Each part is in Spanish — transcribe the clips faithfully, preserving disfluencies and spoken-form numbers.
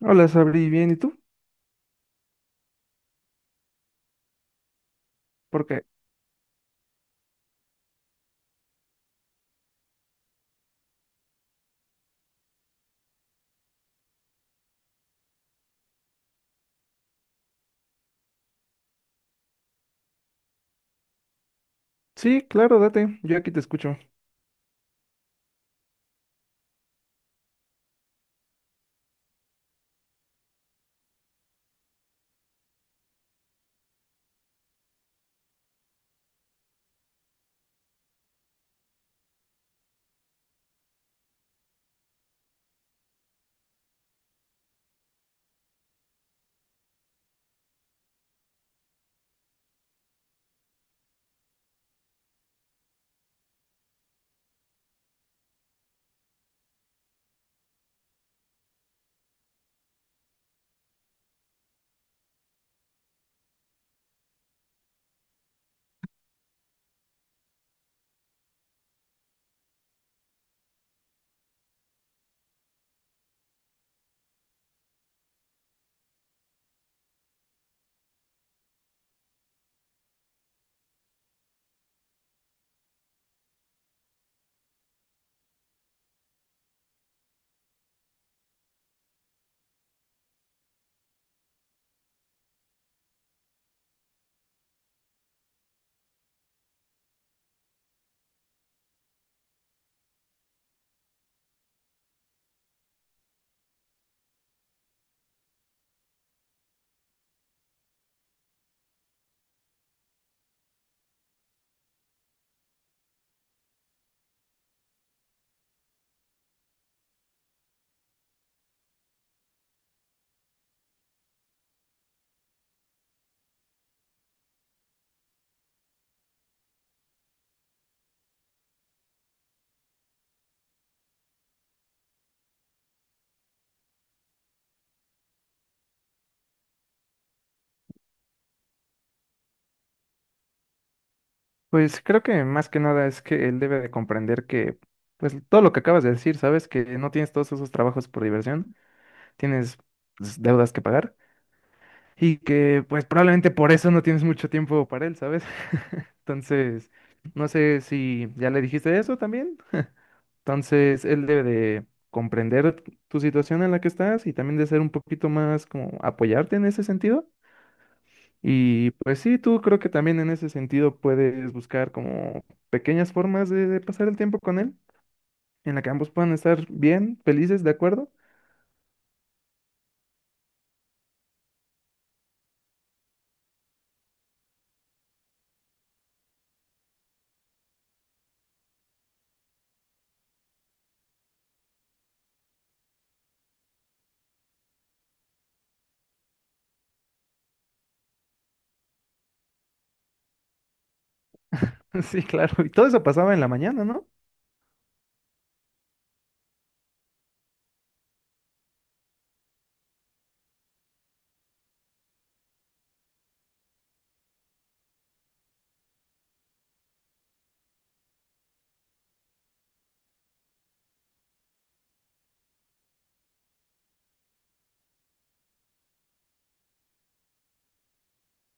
Hola, Sabri, bien, ¿y tú? Porque sí, claro, date, yo aquí te escucho. Pues creo que más que nada es que él debe de comprender que, pues todo lo que acabas de decir, ¿sabes? Que no tienes todos esos trabajos por diversión, tienes pues, deudas que pagar y que pues probablemente por eso no tienes mucho tiempo para él, ¿sabes? Entonces, no sé si ya le dijiste eso también. Entonces, él debe de comprender tu situación en la que estás y también de ser un poquito más como apoyarte en ese sentido. Y pues sí, tú creo que también en ese sentido puedes buscar como pequeñas formas de, de pasar el tiempo con él, en la que ambos puedan estar bien, felices, ¿de acuerdo? Sí, claro. Y todo eso pasaba en la mañana, ¿no?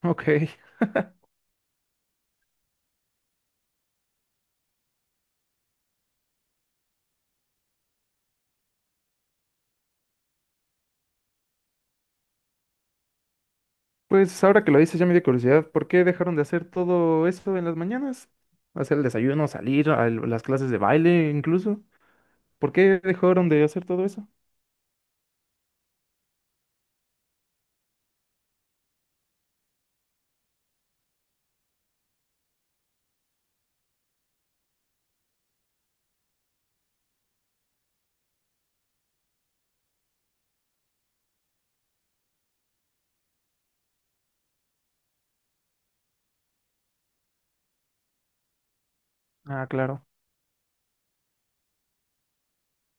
Ok. Pues ahora que lo dices ya me dio curiosidad, ¿por qué dejaron de hacer todo eso en las mañanas? Hacer el desayuno, salir a el- las clases de baile incluso. ¿Por qué dejaron de hacer todo eso? Ah, claro.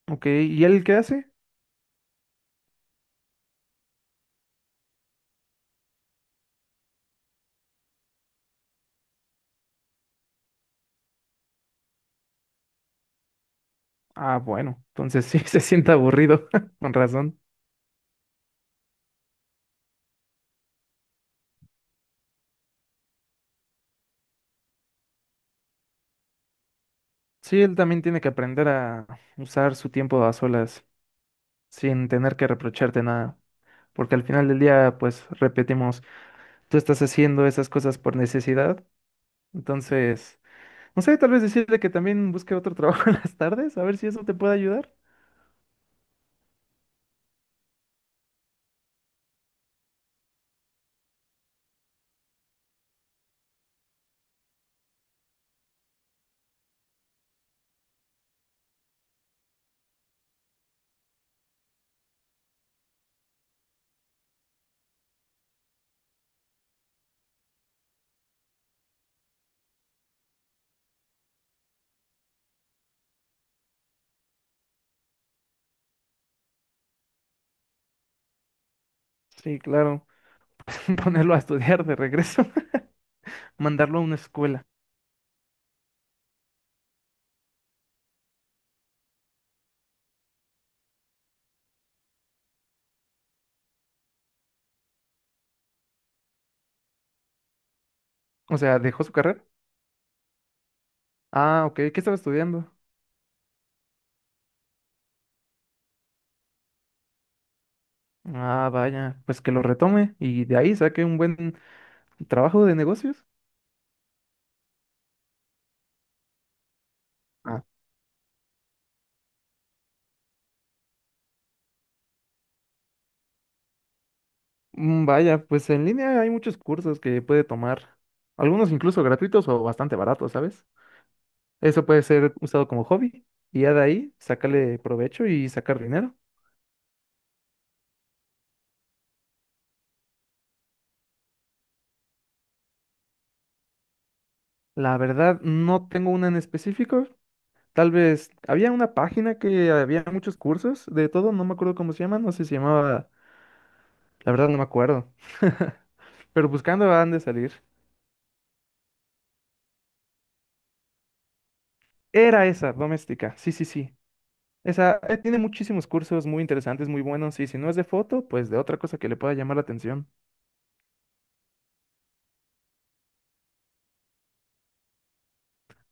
Ok. ¿Y él qué hace? Ah, bueno. Entonces sí, se siente aburrido, con razón. Sí, él también tiene que aprender a usar su tiempo a solas, sin tener que reprocharte nada. Porque al final del día, pues repetimos, tú estás haciendo esas cosas por necesidad. Entonces, no sé, tal vez decirle que también busque otro trabajo en las tardes, a ver si eso te puede ayudar. Sí, claro. Ponerlo a estudiar de regreso, mandarlo a una escuela. O sea, dejó su carrera. Ah, ok, ¿qué estaba estudiando? Ah, vaya, pues que lo retome y de ahí saque un buen trabajo de negocios. Mm, vaya, pues en línea hay muchos cursos que puede tomar, algunos incluso gratuitos o bastante baratos, ¿sabes? Eso puede ser usado como hobby y ya de ahí sacarle provecho y sacar dinero. La verdad, no tengo una en específico. Tal vez había una página que había muchos cursos de todo, no me acuerdo cómo se llama, no sé si se llamaba, la verdad no me acuerdo. Pero buscando han de salir. Era esa, doméstica, sí, sí, sí. Esa, eh, tiene muchísimos cursos muy interesantes, muy buenos, y si no es de foto, pues de otra cosa que le pueda llamar la atención.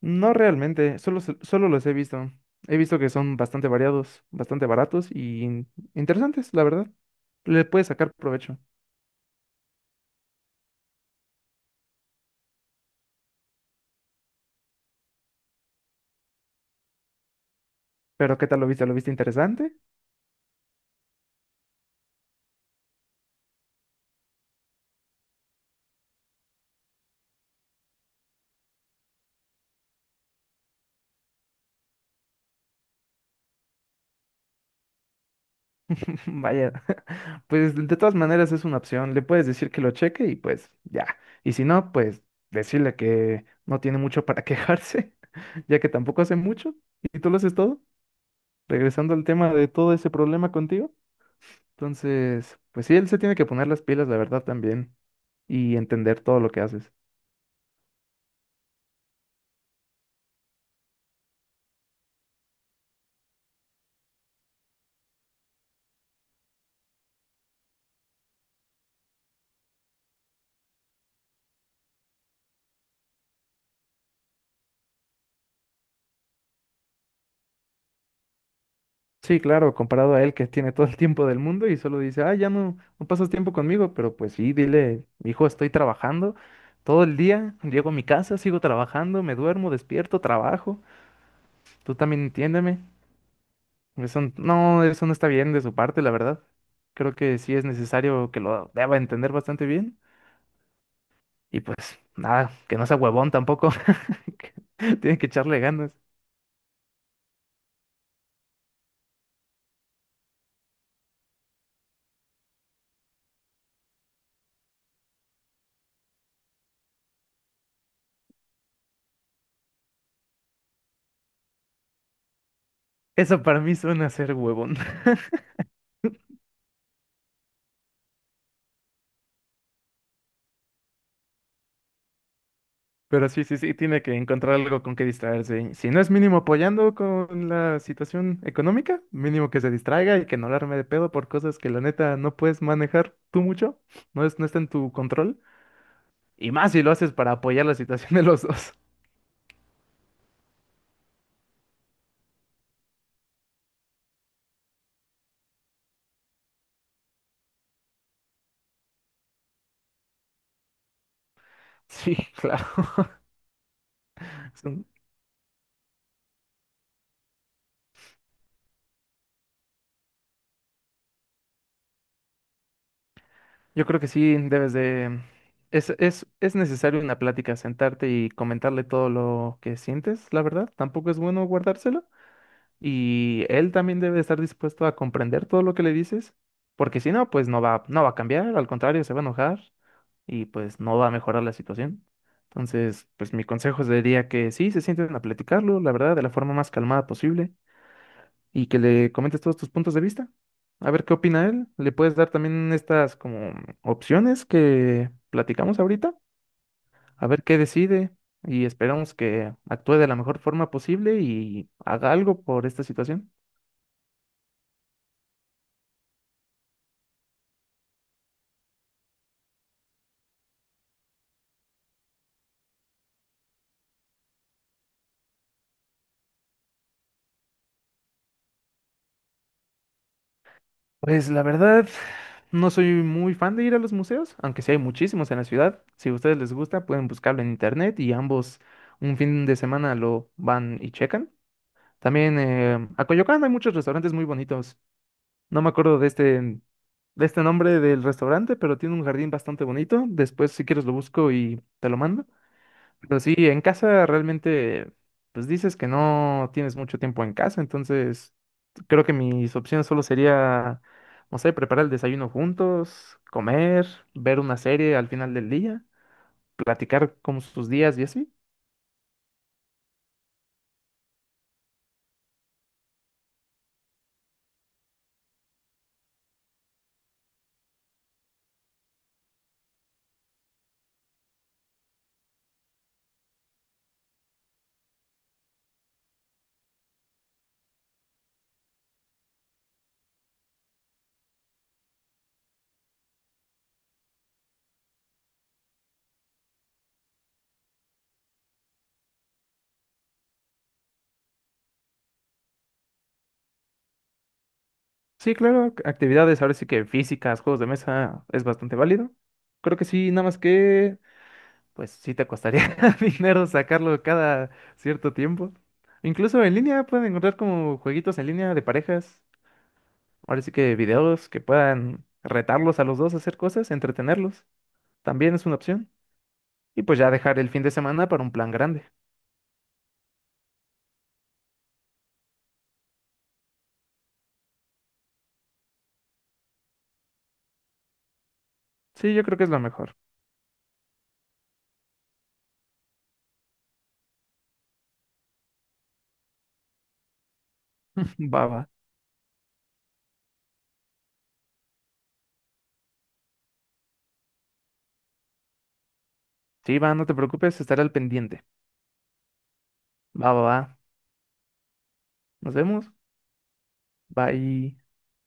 No realmente, solo, se- solo los he visto. He visto que son bastante variados, bastante baratos y in- interesantes, la verdad. Le puedes sacar provecho. Pero ¿qué tal lo viste? ¿Lo viste interesante? Vaya, pues de todas maneras es una opción. Le puedes decir que lo cheque y pues ya. Y si no, pues decirle que no tiene mucho para quejarse, ya que tampoco hace mucho y tú lo haces todo. Regresando al tema de todo ese problema contigo, entonces, pues sí, él se tiene que poner las pilas, la verdad, también, y entender todo lo que haces. Sí, claro, comparado a él que tiene todo el tiempo del mundo y solo dice, ah, ya no, no pasas tiempo conmigo, pero pues sí, dile, hijo, estoy trabajando todo el día, llego a mi casa, sigo trabajando, me duermo, despierto, trabajo, tú también entiéndeme. Eso, n- no, eso no está bien de su parte, la verdad. Creo que sí es necesario que lo deba entender bastante bien. Y pues nada, que no sea huevón tampoco. Que tiene que echarle ganas. Eso para mí suena ser huevón. Pero sí, sí, sí, tiene que encontrar algo con que distraerse. Y si no es mínimo apoyando con la situación económica, mínimo que se distraiga y que no la arme de pedo por cosas que la neta no puedes manejar tú mucho, no es, no está en tu control. Y más si lo haces para apoyar la situación de los dos. Sí, claro. Yo creo que sí, debes de... Es, es, es necesario una plática, sentarte y comentarle todo lo que sientes, la verdad. Tampoco es bueno guardárselo. Y él también debe estar dispuesto a comprender todo lo que le dices, porque si no, pues no va, no va a cambiar, al contrario, se va a enojar y pues no va a mejorar la situación. Entonces, pues mi consejo sería que sí, se sienten a platicarlo, la verdad, de la forma más calmada posible y que le comentes todos tus puntos de vista. A ver qué opina él. Le puedes dar también estas como opciones que platicamos ahorita. A ver qué decide y esperamos que actúe de la mejor forma posible y haga algo por esta situación. Pues la verdad, no soy muy fan de ir a los museos, aunque sí hay muchísimos en la ciudad. Si a ustedes les gusta, pueden buscarlo en internet y ambos un fin de semana lo van y checan. También eh, a Coyoacán hay muchos restaurantes muy bonitos. No me acuerdo de este, De este nombre del restaurante, pero tiene un jardín bastante bonito. Después, si quieres, lo busco y te lo mando. Pero sí, en casa realmente, pues dices que no tienes mucho tiempo en casa, entonces creo que mis opciones solo sería, no sé, preparar el desayuno juntos, comer, ver una serie al final del día, platicar como sus días y así. Sí, claro, ac- actividades ahora sí que físicas, juegos de mesa es bastante válido. Creo que sí, nada más que pues sí te costaría dinero sacarlo cada cierto tiempo. Incluso en línea pueden encontrar como jueguitos en línea de parejas. Ahora sí que videos que puedan retarlos a los dos a hacer cosas, entretenerlos. También es una opción. Y pues ya dejar el fin de semana para un plan grande. Sí, yo creo que es lo mejor. Va, va. Sí, va, no te preocupes, estaré al pendiente. Va, va, va. Nos vemos. Bye.